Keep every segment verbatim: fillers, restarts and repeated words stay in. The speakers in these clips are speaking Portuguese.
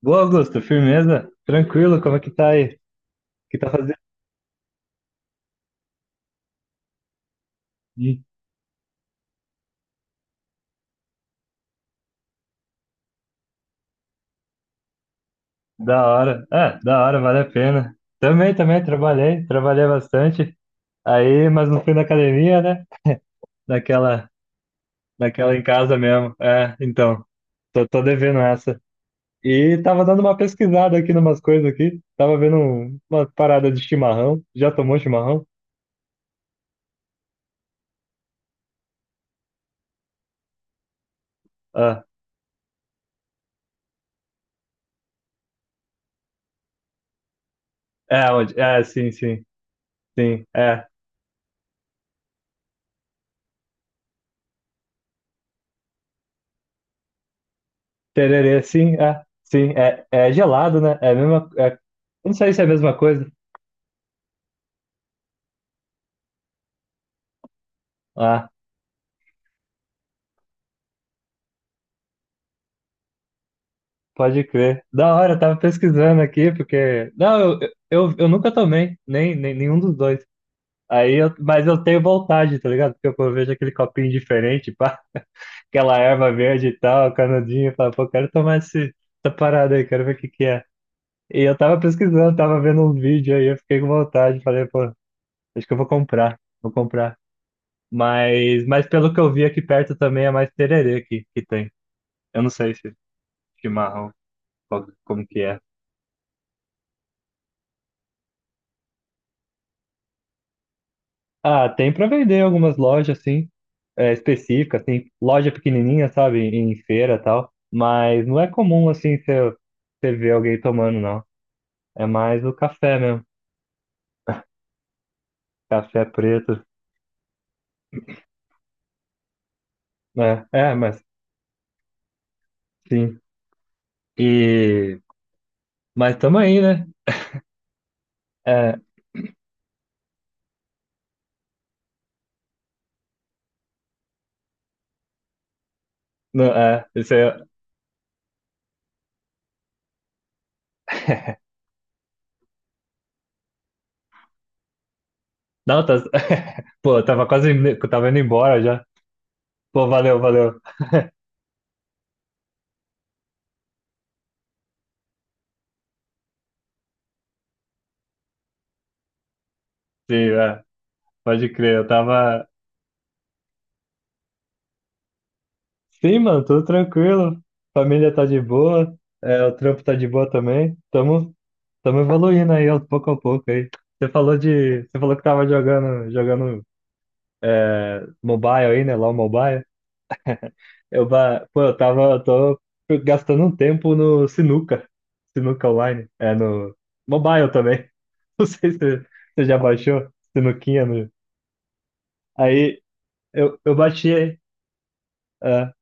Boa, Augusto, firmeza? Tranquilo, como é que tá aí? O que tá fazendo? Ih, da hora. É, da hora, vale a pena. Também, também, trabalhei, trabalhei bastante. Aí, mas não fui na academia, né? Naquela, naquela em casa mesmo. É, então, tô, tô devendo essa. E tava dando uma pesquisada aqui numas coisas aqui. Tava vendo um- uma parada de chimarrão. Já tomou chimarrão? Ah, é, onde? É, sim, sim, sim. É. Tererê, sim, é. Sim, é, é gelado, né? É a mesma. É, não sei se é a mesma coisa. Ah, pode crer. Da hora, eu tava pesquisando aqui, porque. Não, eu, eu, eu nunca tomei, nem, nem nenhum dos dois. Aí eu, mas eu tenho vontade, tá ligado? Porque eu vejo aquele copinho diferente, pá, aquela erva verde e tal, canudinho, eu falo, pô, quero tomar esse, essa parada aí, quero ver o que que é. E eu tava pesquisando, tava vendo um vídeo aí, eu fiquei com vontade, falei, pô, acho que eu vou comprar, vou comprar. Mas, mas pelo que eu vi aqui perto também é mais tererê que, que tem. Eu não sei se chimarrão, qual- como que é. Ah, tem pra vender em algumas lojas, assim, é, específicas, assim, loja pequenininha, sabe, em feira e tal. Mas não é comum, assim, você você ver alguém tomando, não. É mais o café mesmo, café preto, né? É, mas sim. E... Mas tamo aí, né? É, não, é, isso aí... é, não, tá... Pô, eu tava quase, indo- eu tava indo embora já. Pô, valeu, valeu. Sim, é, pode crer. Eu tava. Sim, mano, tudo tranquilo. Família tá de boa. É, o trampo tá de boa também. Tamo, tamo evoluindo aí, ó, pouco a pouco aí. Você falou de. Você falou que tava jogando, jogando é, mobile aí, né? Lá o Mobile. Eu, ba- pô, eu tava. Eu tô gastando um tempo no Sinuca. Sinuca Online. É, no Mobile também. Não sei se você já baixou. Sinuquinha no. Aí eu, eu baixei. É.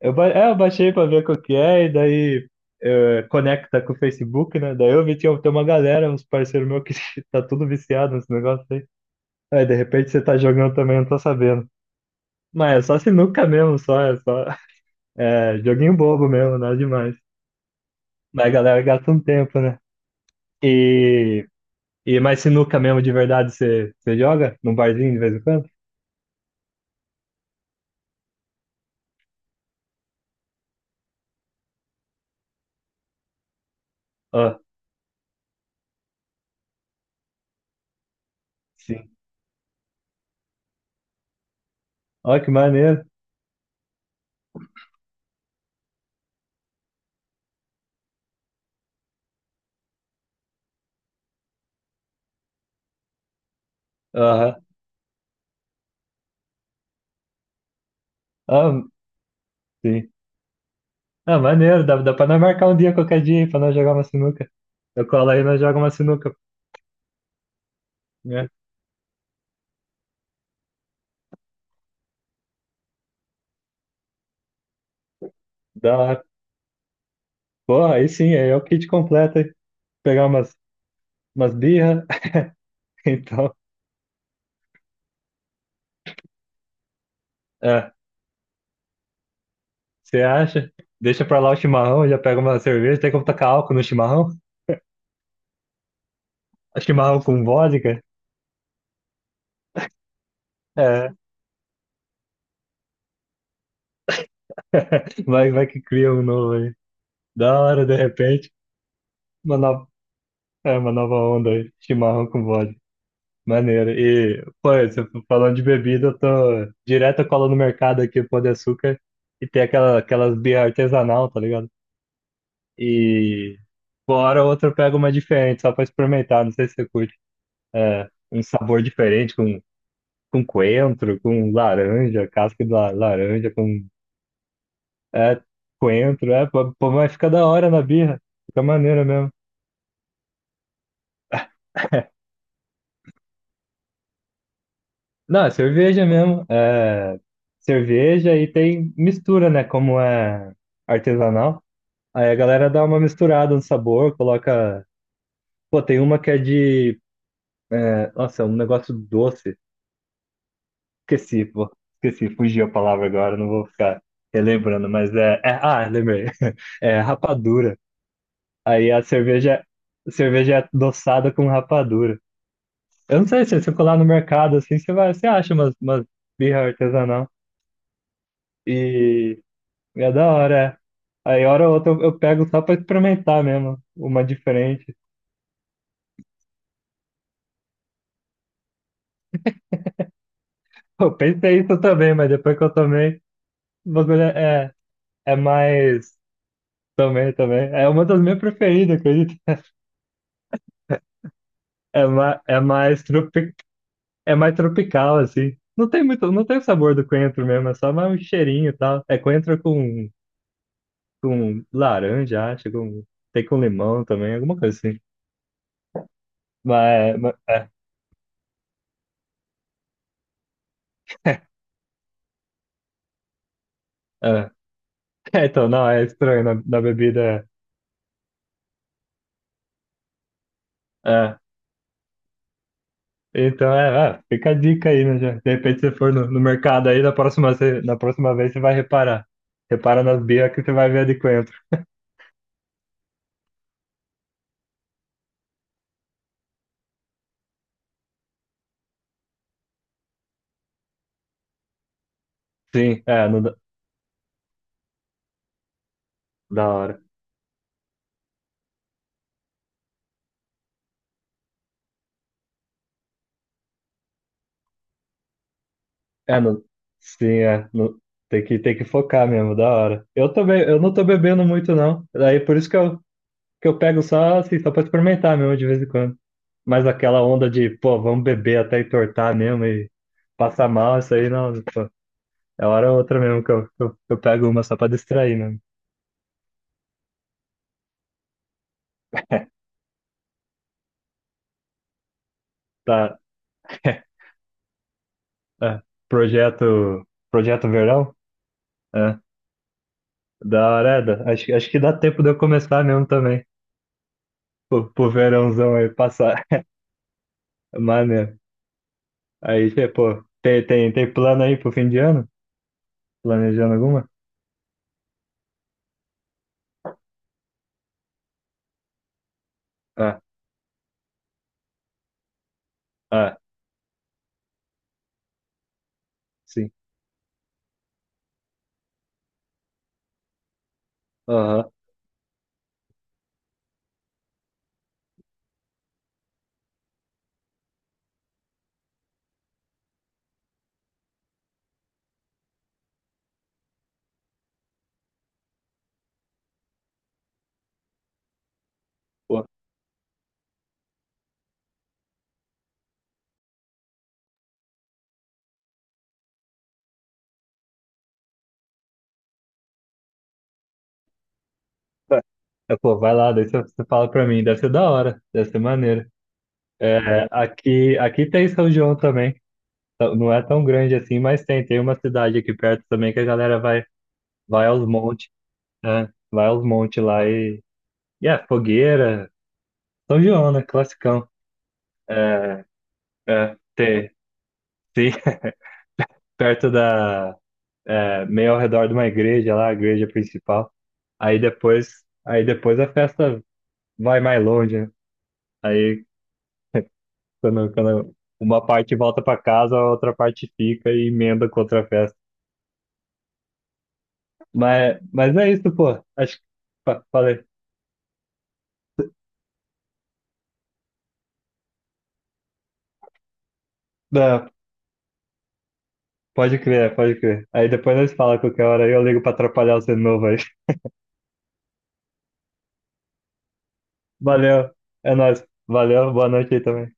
Eu, ba- é, eu baixei pra ver qual que é, e daí eh, conecta com o Facebook, né? Daí eu vi tinha tem uma galera, uns parceiros meus que tá tudo viciado nesse negócio aí. Aí de repente você tá jogando também, eu não tô sabendo. Mas é só sinuca mesmo, só, é só. É joguinho bobo mesmo, nada demais. Mas a galera gasta um tempo, né? E, e mais sinuca mesmo de verdade você você joga? Num barzinho de vez em quando? Ó, sim. Ó, que maneiro. Aham. Ah, sim. Ah, maneiro, dá, dá pra nós marcar um dia qualquer dia aí pra nós jogar uma sinuca. Eu colo aí e nós joga uma sinuca, né? Da hora. Porra, aí sim, aí é o kit completo, hein? Pegar umas, umas birra, então, é, você acha? Deixa pra lá o chimarrão, já pega uma cerveja, tem como tacar álcool no chimarrão? Chimarrão com vodka? É, vai, vai que cria um novo aí. Da hora, de repente, uma nova, é, uma nova onda aí, chimarrão com vodka. Maneiro. E, pô, você falando de bebida, eu tô direto eu colo no mercado aqui, Pão de Açúcar, e tem aquela, aquelas birra artesanal, tá ligado? E fora outra eu pego uma diferente, só pra experimentar, não sei se você curte. É, um sabor diferente, com, com coentro, com laranja, casca de la- laranja, com é, coentro, é, pô, pô, mas fica da hora na birra, fica maneiro mesmo. Não, é cerveja mesmo, é cerveja e tem mistura, né, como é artesanal. Aí a galera dá uma misturada no sabor, coloca. Pô, tem uma que é de. É... Nossa, é um negócio doce. Esqueci, pô. Esqueci, fugiu a palavra agora, não vou ficar relembrando, mas é. É... Ah, lembrei. É rapadura. Aí a cerveja, a cerveja é adoçada com rapadura. Eu não sei se você colar no mercado assim, você vai, você acha umas, umas birra artesanal. E e é da hora, é. Aí, hora ou outra, eu, eu pego só pra experimentar mesmo, uma diferente. Eu pensei isso também, mas depois que eu tomei. O bagulho é, é é mais. Também, também. É uma das minhas preferidas, acredito. É, ma, é, mais tropi, é mais tropical, assim. Não tem muito, não tem o sabor do coentro mesmo, é só mais um cheirinho e tal. É coentro com, com laranja, acho, com, tem com limão também, alguma coisa assim. Mas, mas- é, é. É, então, não, é estranho na, na bebida. É. É. Então, é, é, fica a dica aí, né? Já. De repente você for no, no mercado aí, na próxima, você- na próxima vez você vai reparar. Repara nas bias que você vai ver a de coentro. Sim, é, no da hora. É, no sim, é, não, tem que, tem que focar mesmo, da hora. Eu também, eu não tô bebendo muito, não. Daí por isso que eu, que eu pego só, assim, só pra experimentar mesmo, de vez em quando. Mas aquela onda de, pô, vamos beber até entortar mesmo e passar mal, isso aí não, pô, é hora ou outra mesmo que eu, que eu, que eu pego uma só pra distrair, né? Tá, é, projeto, projeto verão? É, da hora, é, da- acho, acho que dá tempo de eu começar mesmo também, pro, pro verãozão aí passar. Maneiro. Aí, cê, pô, tem, tem, tem plano aí pro fim de ano? Planejando alguma? Ah, ah, sim. Aham. Pô, tá. É, pô, vai lá, daí você você fala pra mim. Deve ser da hora, deve ser maneiro. É, aqui, aqui tem São João também. Tá. Não é tão grande assim, mas tem. Tem uma cidade aqui perto também que a galera vai, vai aos montes, né? Vai aos montes lá e. E é, fogueira. São João, né? Classicão. É, é, tem, sim, perto da. É, meio ao redor de uma igreja lá, a igreja principal. Aí depois, aí depois a festa vai mais longe, né? Aí quando, quando uma parte volta para casa, a outra parte fica e emenda com outra festa. Mas, mas é isso, pô. Acho que fa- falei. Não, pode crer, pode crer. Aí depois nós fala qualquer hora, aí eu ligo pra atrapalhar você de novo aí. Valeu, é nóis. Valeu, boa noite aí também.